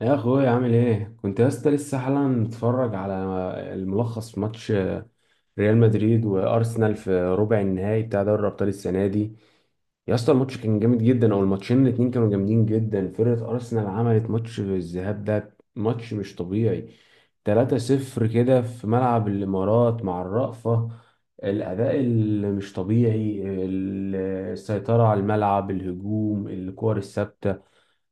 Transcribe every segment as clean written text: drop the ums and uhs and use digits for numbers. يا اخويا عامل ايه؟ كنت يا اسطى لسه حالا متفرج على الملخص في ماتش ريال مدريد وارسنال في ربع النهائي بتاع دوري الابطال السنه دي. يا اسطى الماتش كان جامد جدا، او الماتشين الاتنين كانوا جامدين جدا. فرقه ارسنال عملت ماتش في الذهاب، ده ماتش مش طبيعي، 3-0 كده في ملعب الامارات مع الرأفة. الاداء اللي مش طبيعي، السيطره على الملعب، الهجوم، الكور الثابته.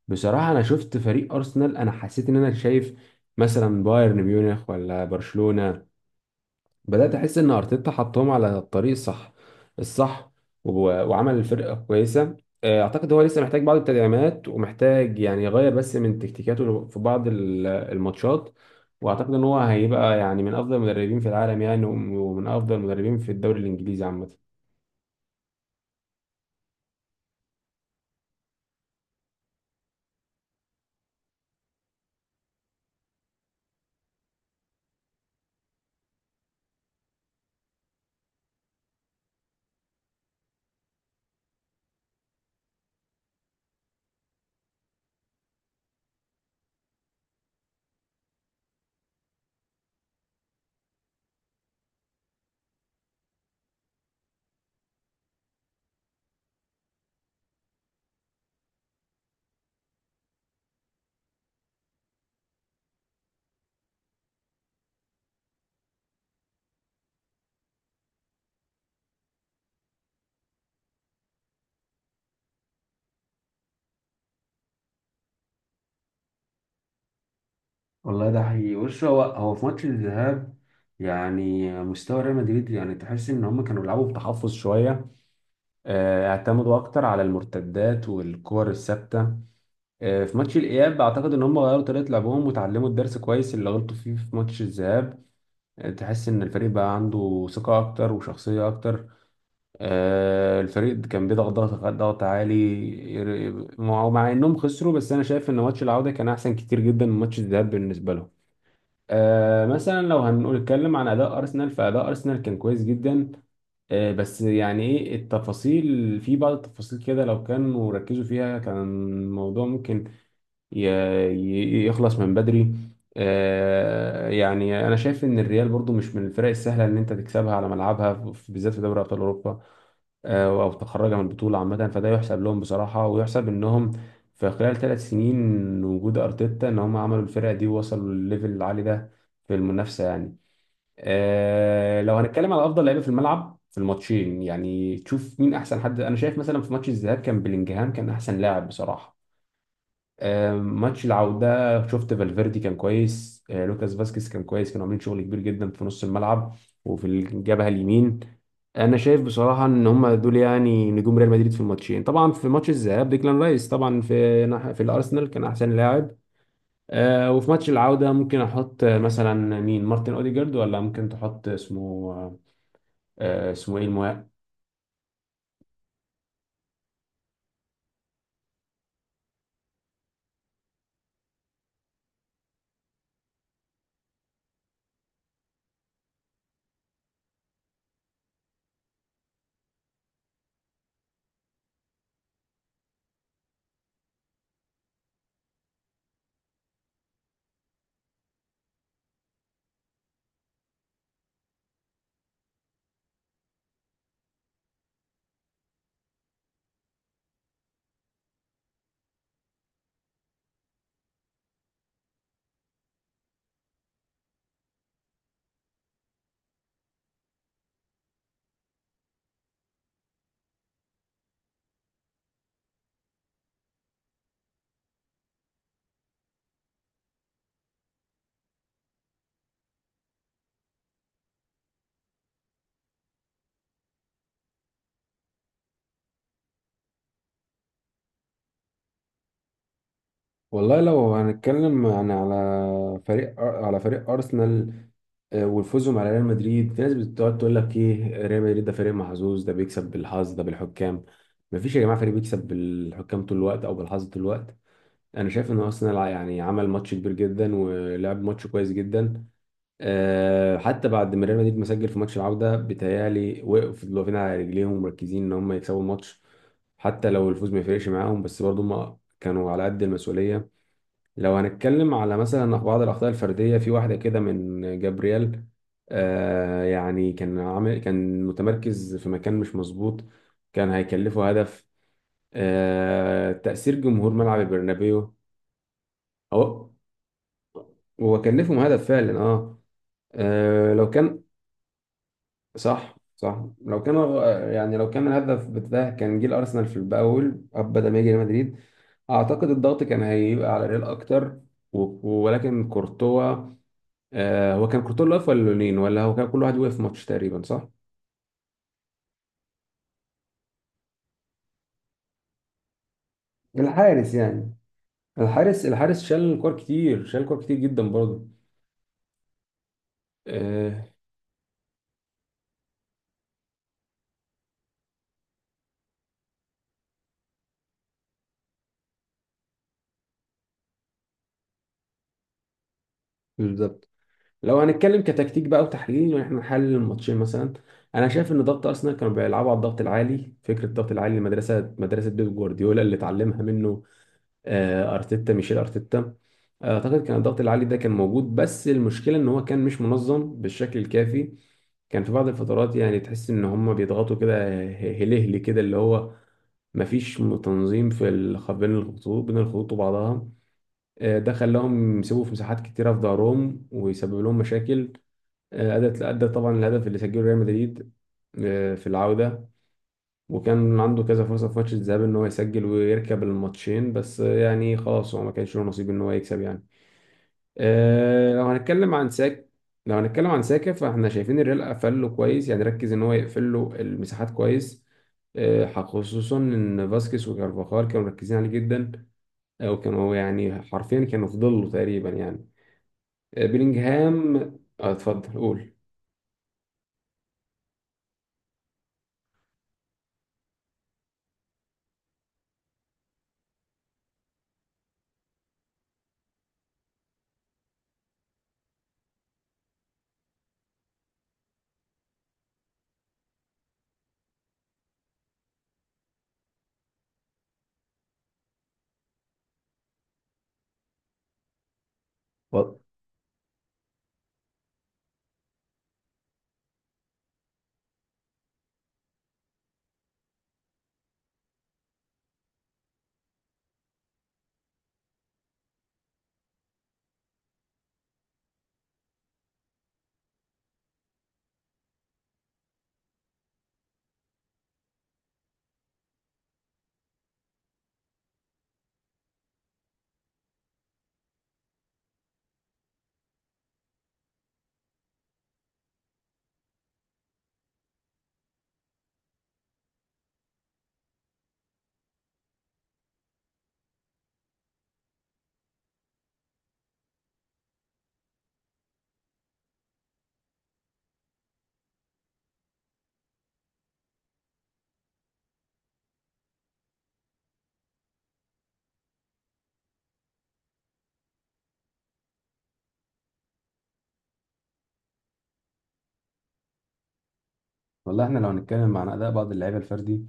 بصراحة أنا شفت فريق أرسنال، أنا حسيت إن أنا شايف مثلا بايرن ميونخ ولا برشلونة. بدأت أحس إن أرتيتا حطهم على الطريق الصح، الصح، و- وعمل الفرقة كويسة. آه، أعتقد هو لسه محتاج بعض التدعيمات، ومحتاج يعني يغير بس من تكتيكاته في بعض الماتشات. وأعتقد إن هو هيبقى يعني من أفضل المدربين في العالم يعني، ومن أفضل المدربين في الدوري الإنجليزي عامة. والله ده حقيقي. بص، هو في ماتش الذهاب يعني مستوى ريال مدريد، يعني تحس ان هم كانوا بيلعبوا بتحفظ شويه. آه، اعتمدوا اكتر على المرتدات والكور الثابته. آه، في ماتش الاياب اعتقد ان هم غيروا طريقه لعبهم وتعلموا الدرس كويس اللي غلطوا فيه في ماتش الذهاب. آه، تحس ان الفريق بقى عنده ثقه اكتر وشخصيه اكتر. آه، الفريق كان بيضغط ضغط ضغط عالي. مع انهم خسروا، بس انا شايف ان ماتش العوده كان احسن كتير جدا من ماتش الذهاب بالنسبه لهم. آه، مثلا لو هنقول نتكلم عن اداء ارسنال، فاداء ارسنال كان كويس جدا. آه، بس يعني ايه التفاصيل، في بعض التفاصيل كده لو كانوا ركزوا فيها كان الموضوع ممكن ي- يخلص من بدري. آه، يعني انا شايف ان الريال برضو مش من الفرق السهله ان انت تكسبها على ملعبها، بالذات في دوري ابطال اوروبا. آه، او تخرجها من البطوله عامه، فده يحسب لهم بصراحه، ويحسب انهم في خلال 3 سنين وجود ارتيتا ان هم عملوا الفرقه دي ووصلوا للليفل العالي ده في المنافسه يعني. آه، لو هنتكلم على افضل لعيبه في الملعب في الماتشين، يعني تشوف مين احسن حد. انا شايف مثلا في ماتش الذهاب كان بلينجهام كان احسن لاعب بصراحه. آه، ماتش العوده شفت فالفيردي كان كويس، آه لوكاس فاسكيز كان كويس، كانوا عاملين شغل كبير جدا في نص الملعب وفي الجبهه اليمين. انا شايف بصراحه ان هم دول يعني نجوم ريال مدريد في الماتشين. طبعا في ماتش الذهاب ديكلان رايس طبعا في الارسنال كان احسن لاعب. آه، وفي ماتش العوده ممكن احط آه، مثلا مين؟ مارتن اوديجارد، ولا ممكن تحط اسمه آه اسمه ايه المهاجم. والله لو هنتكلم يعني على على فريق أرسنال، آه، وفوزهم على ريال مدريد، في ناس بتقعد تقول لك ايه، ريال مدريد ده فريق محظوظ، ده بيكسب بالحظ، ده بالحكام. مفيش يا جماعة فريق بيكسب بالحكام طول الوقت أو بالحظ طول الوقت. انا شايف ان ارسنال يعني عمل ماتش كبير جدا ولعب ماتش كويس جدا. أه حتى بعد ما ريال مدريد ما سجل في ماتش العوده، بيتهيألي وقفوا، فضلوا واقفين على رجليهم مركزين ان هم يكسبوا الماتش. حتى لو الفوز ما يفرقش معاهم، بس برضه هم كانوا على قد المسؤوليه. لو هنتكلم على مثلا بعض الاخطاء الفرديه، في واحده كده من جابرييل، أه يعني كان عامل، كان متمركز في مكان مش مظبوط، كان هيكلفه هدف. أه تأثير جمهور ملعب البرنابيو. هو هو كان ليفهم هدف فعلا، اه. آه، لو كان، صح صح، لو كان آه، يعني لو كان الهدف بتاعه كان جه الارسنال في الاول بدل ما يجي ريال مدريد، اعتقد الضغط كان هيبقى على ريال اكتر. ولكن كورتوا، آه، هو كان كورتوا اللي واقف، ولا لونين ولا هو كان كل واحد واقف في ماتش تقريبا، صح؟ الحارس يعني، الحارس، شال كور كتير، شال كور كتير جدا برضه. آه، بالظبط. لو هنتكلم كتكتيك بقى وتحليل، وان احنا نحلل الماتشين مثلا، انا شايف ان ضغط ارسنال كانوا بيلعبوا على الضغط العالي، فكره الضغط العالي، المدرسه، مدرسه بيب جوارديولا اللي اتعلمها منه آه، ارتيتا، ميشيل ارتيتا. آه، اعتقد كان الضغط العالي ده كان موجود، بس المشكله ان هو كان مش منظم بالشكل الكافي. كان في بعض الفترات يعني تحس ان هم بيضغطوا كده هلهلي كده، اللي هو مفيش تنظيم في بين الخطوط، وبعضها. آه، ده خلاهم يسيبوا في مساحات كتيرة في ظهرهم، ويسبب لهم مشاكل. آه، أدت، طبعا الهدف اللي سجله ريال مدريد آه، في العودة. وكان عنده كذا فرصة في ماتش الذهاب إن هو يسجل ويركب الماتشين، بس آه، يعني خلاص هو ما كانش له نصيب إن هو يكسب يعني. آه، لو هنتكلم عن ساكا، فاحنا شايفين الريال قفل له كويس، يعني ركز إن هو يقفل له المساحات كويس. آه، خصوصا إن فاسكيز وكارفاخال كانوا مركزين عليه جدا. آه، وكانوا يعني حرفيا كانوا في ظله تقريبا يعني. آه، بيلينجهام. آه، اتفضل قول. والله احنا لو هنتكلم عن اداء بعض اللعيبه الفردي،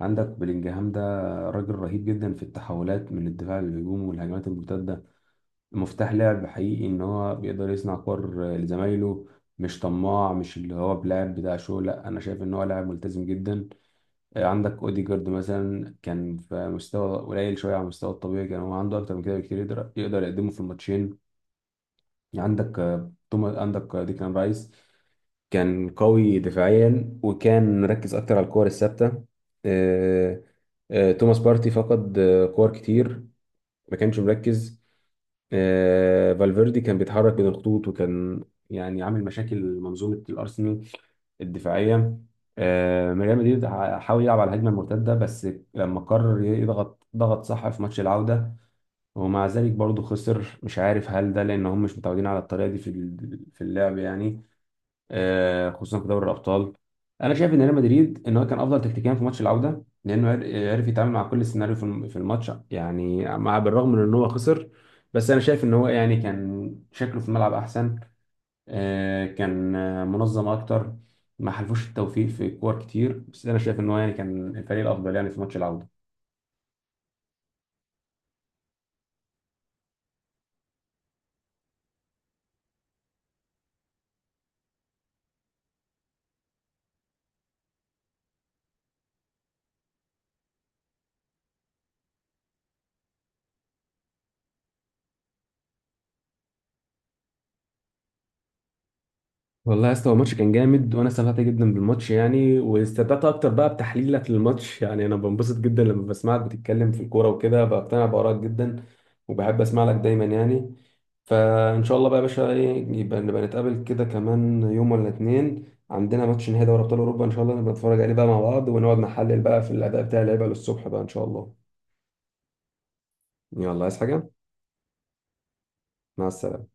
عندك بلينجهام ده راجل رهيب جدا في التحولات من الدفاع للهجوم والهجمات المرتده، مفتاح لعب حقيقي، ان هو بيقدر يصنع كور لزمايله، مش طماع، مش اللي هو بلاعب بتاع شو، لا، انا شايف ان هو لاعب ملتزم جدا. آه، عندك اوديجارد مثلا كان في مستوى قليل شويه على المستوى الطبيعي، كان هو عنده اكتر من كده بكتير يقدر، يقدمه في الماتشين. عندك آه، توما، عندك آه، ديكلان رايس كان قوي دفاعيا، وكان مركز اكتر على الكور الثابته. آه، آه، توماس بارتي فقد آه، كور كتير، ما كانش مركز. آه، فالفيردي كان بيتحرك بين الخطوط وكان يعني عامل مشاكل منظومه الارسنال الدفاعيه. آه، ريال مدريد حاول يلعب على الهجمه المرتده بس، لما قرر يضغط ضغط صح في ماتش العوده، ومع ذلك برضه خسر. مش عارف هل ده لان هم مش متعودين على الطريقه دي في في اللعب يعني. آه، خصوصا في دوري الابطال. انا شايف ان ريال مدريد ان هو كان افضل تكتيكيا في ماتش العوده، لانه عرف يتعامل مع كل سيناريو في في الماتش يعني، مع بالرغم من ان هو خسر، بس انا شايف ان هو يعني كان شكله في الملعب احسن. آه، كان آه، منظم اكتر. ما حلفوش التوفيق في كور كتير، بس انا شايف ان هو يعني كان الفريق الافضل يعني في ماتش العوده. والله يا اسطى هو الماتش كان جامد، وانا استمتعت جدا بالماتش يعني، واستمتعت اكتر بقى بتحليلك للماتش. يعني انا بنبسط جدا لما بسمعك بتتكلم في الكوره وكده، بقتنع بارائك جدا، وبحب اسمع لك دايما يعني. فان شاء الله بقى يا باشا، ايه يبقى، نبقى نتقابل كده كمان يوم ولا اتنين، عندنا ماتش نهائي دوري ابطال اوروبا ان شاء الله، نبقى نتفرج عليه بقى مع بعض، ونقعد نحلل بقى في الاداء بتاع اللعيبه للصبح بقى ان شاء الله. يلا عايز حاجه؟ مع السلامه.